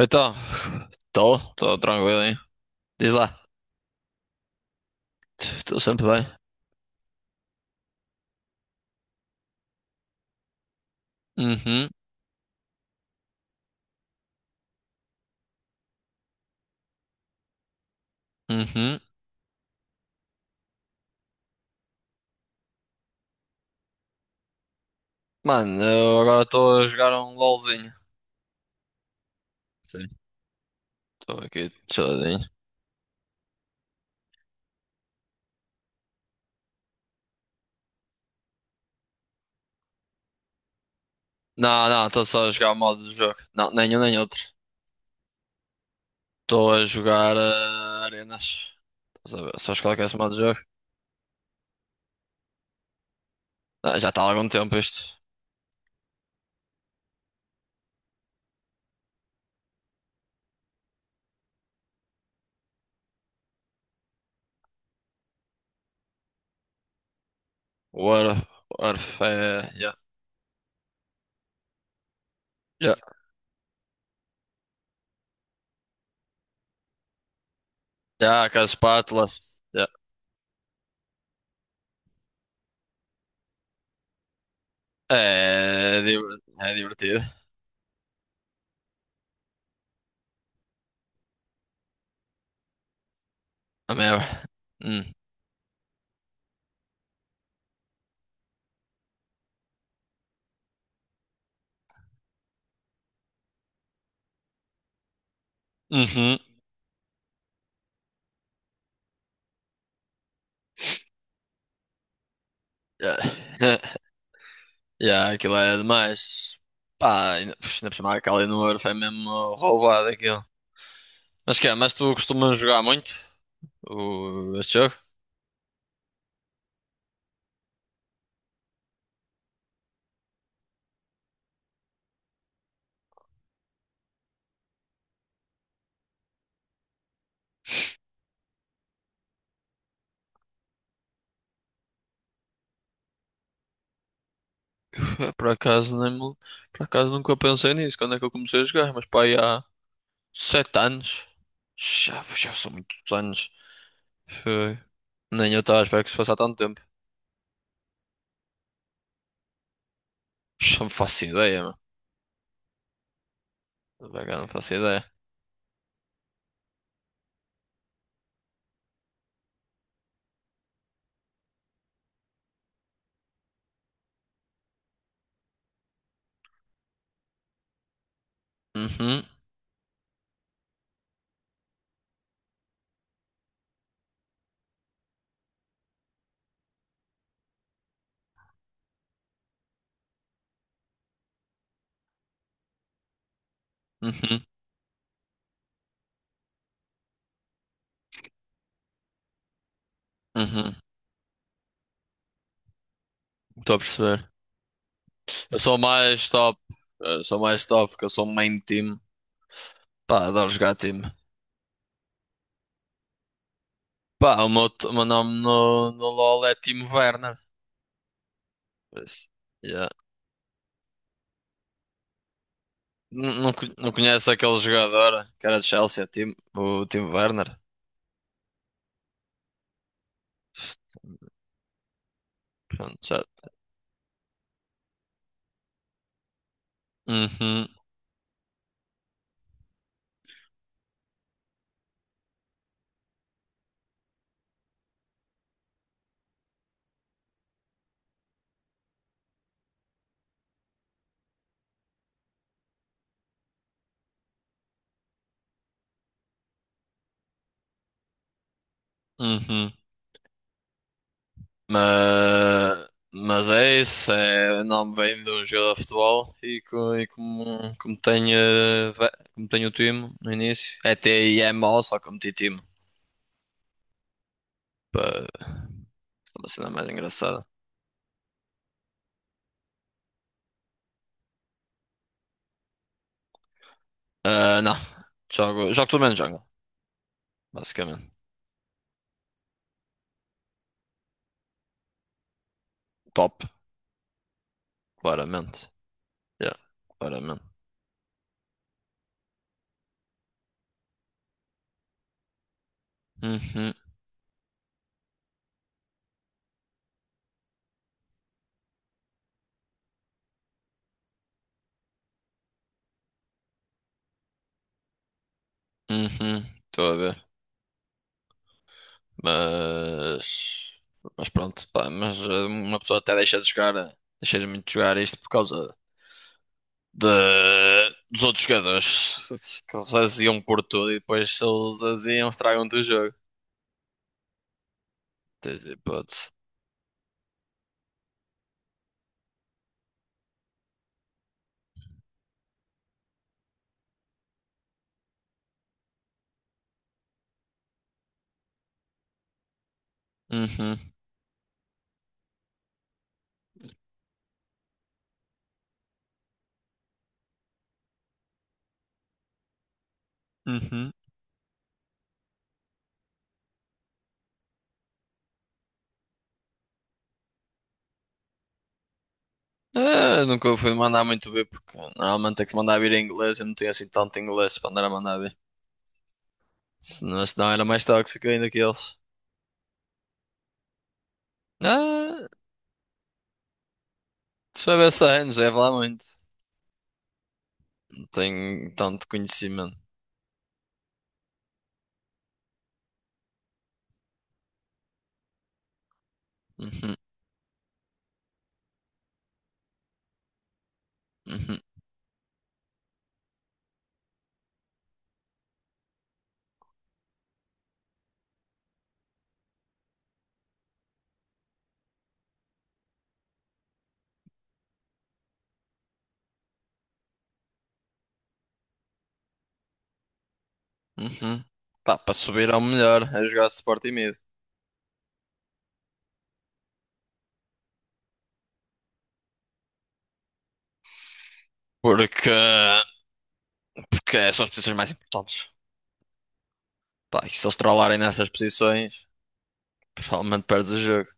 Então, estou tranquilo, hein? Diz lá, estou sempre bem. Uhum, uhum. Mano, eu agora estou a jogar um LOLzinho. Sim. Estou aqui, chiladinho. Não, não, estou só a jogar o modo de jogo. Não, nenhum nem outro. Estou a jogar arenas. Estás a ver? Sabes qual é que é esse modo de jogo? Ah, já está há algum tempo isto. Warf. Warf, é. Yeah, yeah, yeah, com as espátulas. Yeah. É divertido. A merda. Hum. Uhum. Yeah. Yeah, aquilo é demais. Pá, ainda, pux, ainda por cima aquela Eleanor foi mesmo roubado aquilo. Mas tu costumas jogar muito este jogo? Pá, por acaso, nem, me- por acaso nunca pensei nisso, quando é que eu comecei a jogar, mas pá, aí há 7 anos. Já, já são muitos anos. Foi. Nem eu estava a esperar que isso fosse há tanto tempo. Pux, não faço ideia, mano. Por acaso não faço ideia. Uhum, uhum, uhum. Estou a perceber. Eu sou mais top. Eu sou mais top, porque eu sou main team. Pá, adoro jogar time. Pá, o meu nome no LoL é Timo Werner. Por isso, yeah. Não, não, não conheço aquele jogador que era de Chelsea, Timo, o Timo Werner. Pronto, já. Uhum, uhum. Mas é isso, é, o nome vem de um jogador de futebol e, e como, como tenho, como tenho o time no início, é TIMO, só que eu meti time para uma cena mais engraçada. Ah, não, jogo, jogo tudo menos jungle, basicamente. Top, claramente. Yeah, claramente. Uhum, uhum. Estou a ver. Mas. Mas pronto, pá, mas uma pessoa até deixa de jogar. Deixa de muito jogar isto por causa de- dos outros jogadores. Que eles aziam por tudo e depois se eles aziam, estragam-te o jogo. Tens hipótese. Uhum, uhum. Ah, nunca fui mandar muito ver porque normalmente tem que se mandar vir em inglês. Eu não tenho assim tanto inglês para andar a mandar ver. Senão, senão era mais tóxico ainda que eles. Ah, se for essa aí, não serve lá muito. Não tenho tanto conhecimento. Uhum, uhum, uhum. Pá, para subir ao melhor é jogar Sporting Mid. Porque, porque são as posições mais importantes. Pá, e se eles trollarem nessas posições, provavelmente perdes o jogo.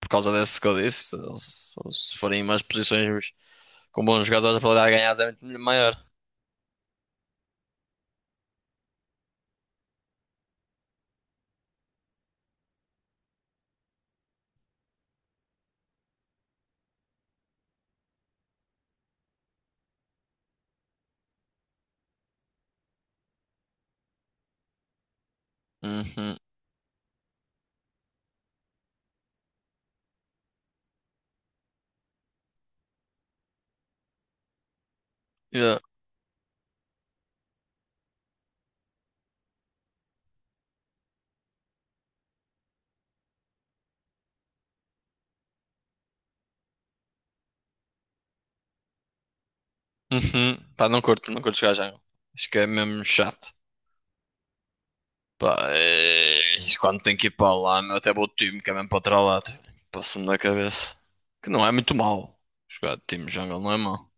Por causa desse que eu disse, se forem umas posições com bons jogadores, a probabilidade de ganhar é muito maior. Uhum. Yeah. Uhum. Pá, não curto jogar jungle. Acho que é mesmo chato. Pá, é... isso quando tenho que ir para lá, meu, até vou de time, que é mesmo para tralado. Passa-me da cabeça. Que não é muito mau. Jogar de time jungle não é mau.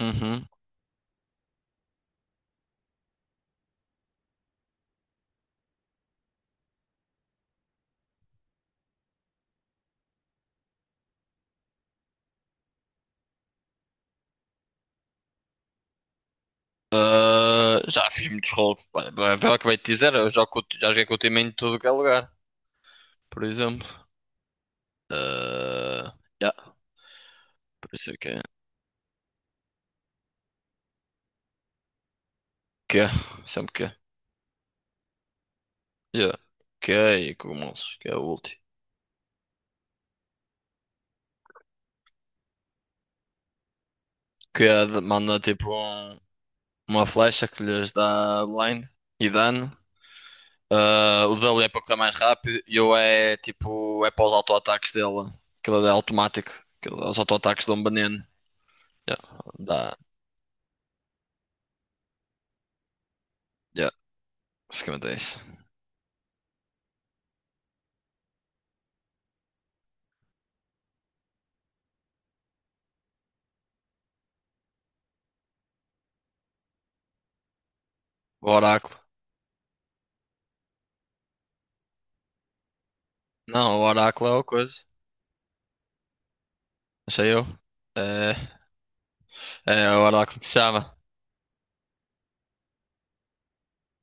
Uhum. Ah, já fiz muitos rolos. Olha, é pelo que eu acabei de dizer, eu jogo, já joguei com o time em tudo que é lugar. Por exemplo. Ah, yeah, por isso é que é. Que é, sempre que é. Yeah. Que é e cogumelos, que é o último. Que é, uma flecha que lhes dá blind e dano. Ah, o dele é para correr mais rápido e eu é tipo, é para os auto-ataques dele. Aquilo é automático. Aquilo, os auto-ataques dão banano. Yeah, dá, yeah, basicamente é isso. O oráculo. Não, o oráculo é o coisa. Achei eu. É, é é o oráculo que se chama.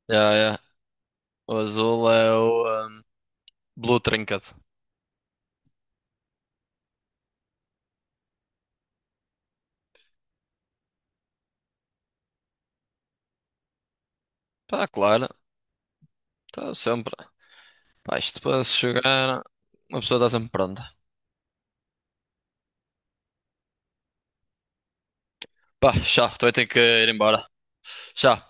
Yeah, yeah. O azul é o um, Blue Trinket. Pá, claro. Está sempre. Pá, isto para se jogar, uma pessoa está sempre pronta. Pá, já, também tenho que ir embora. Já.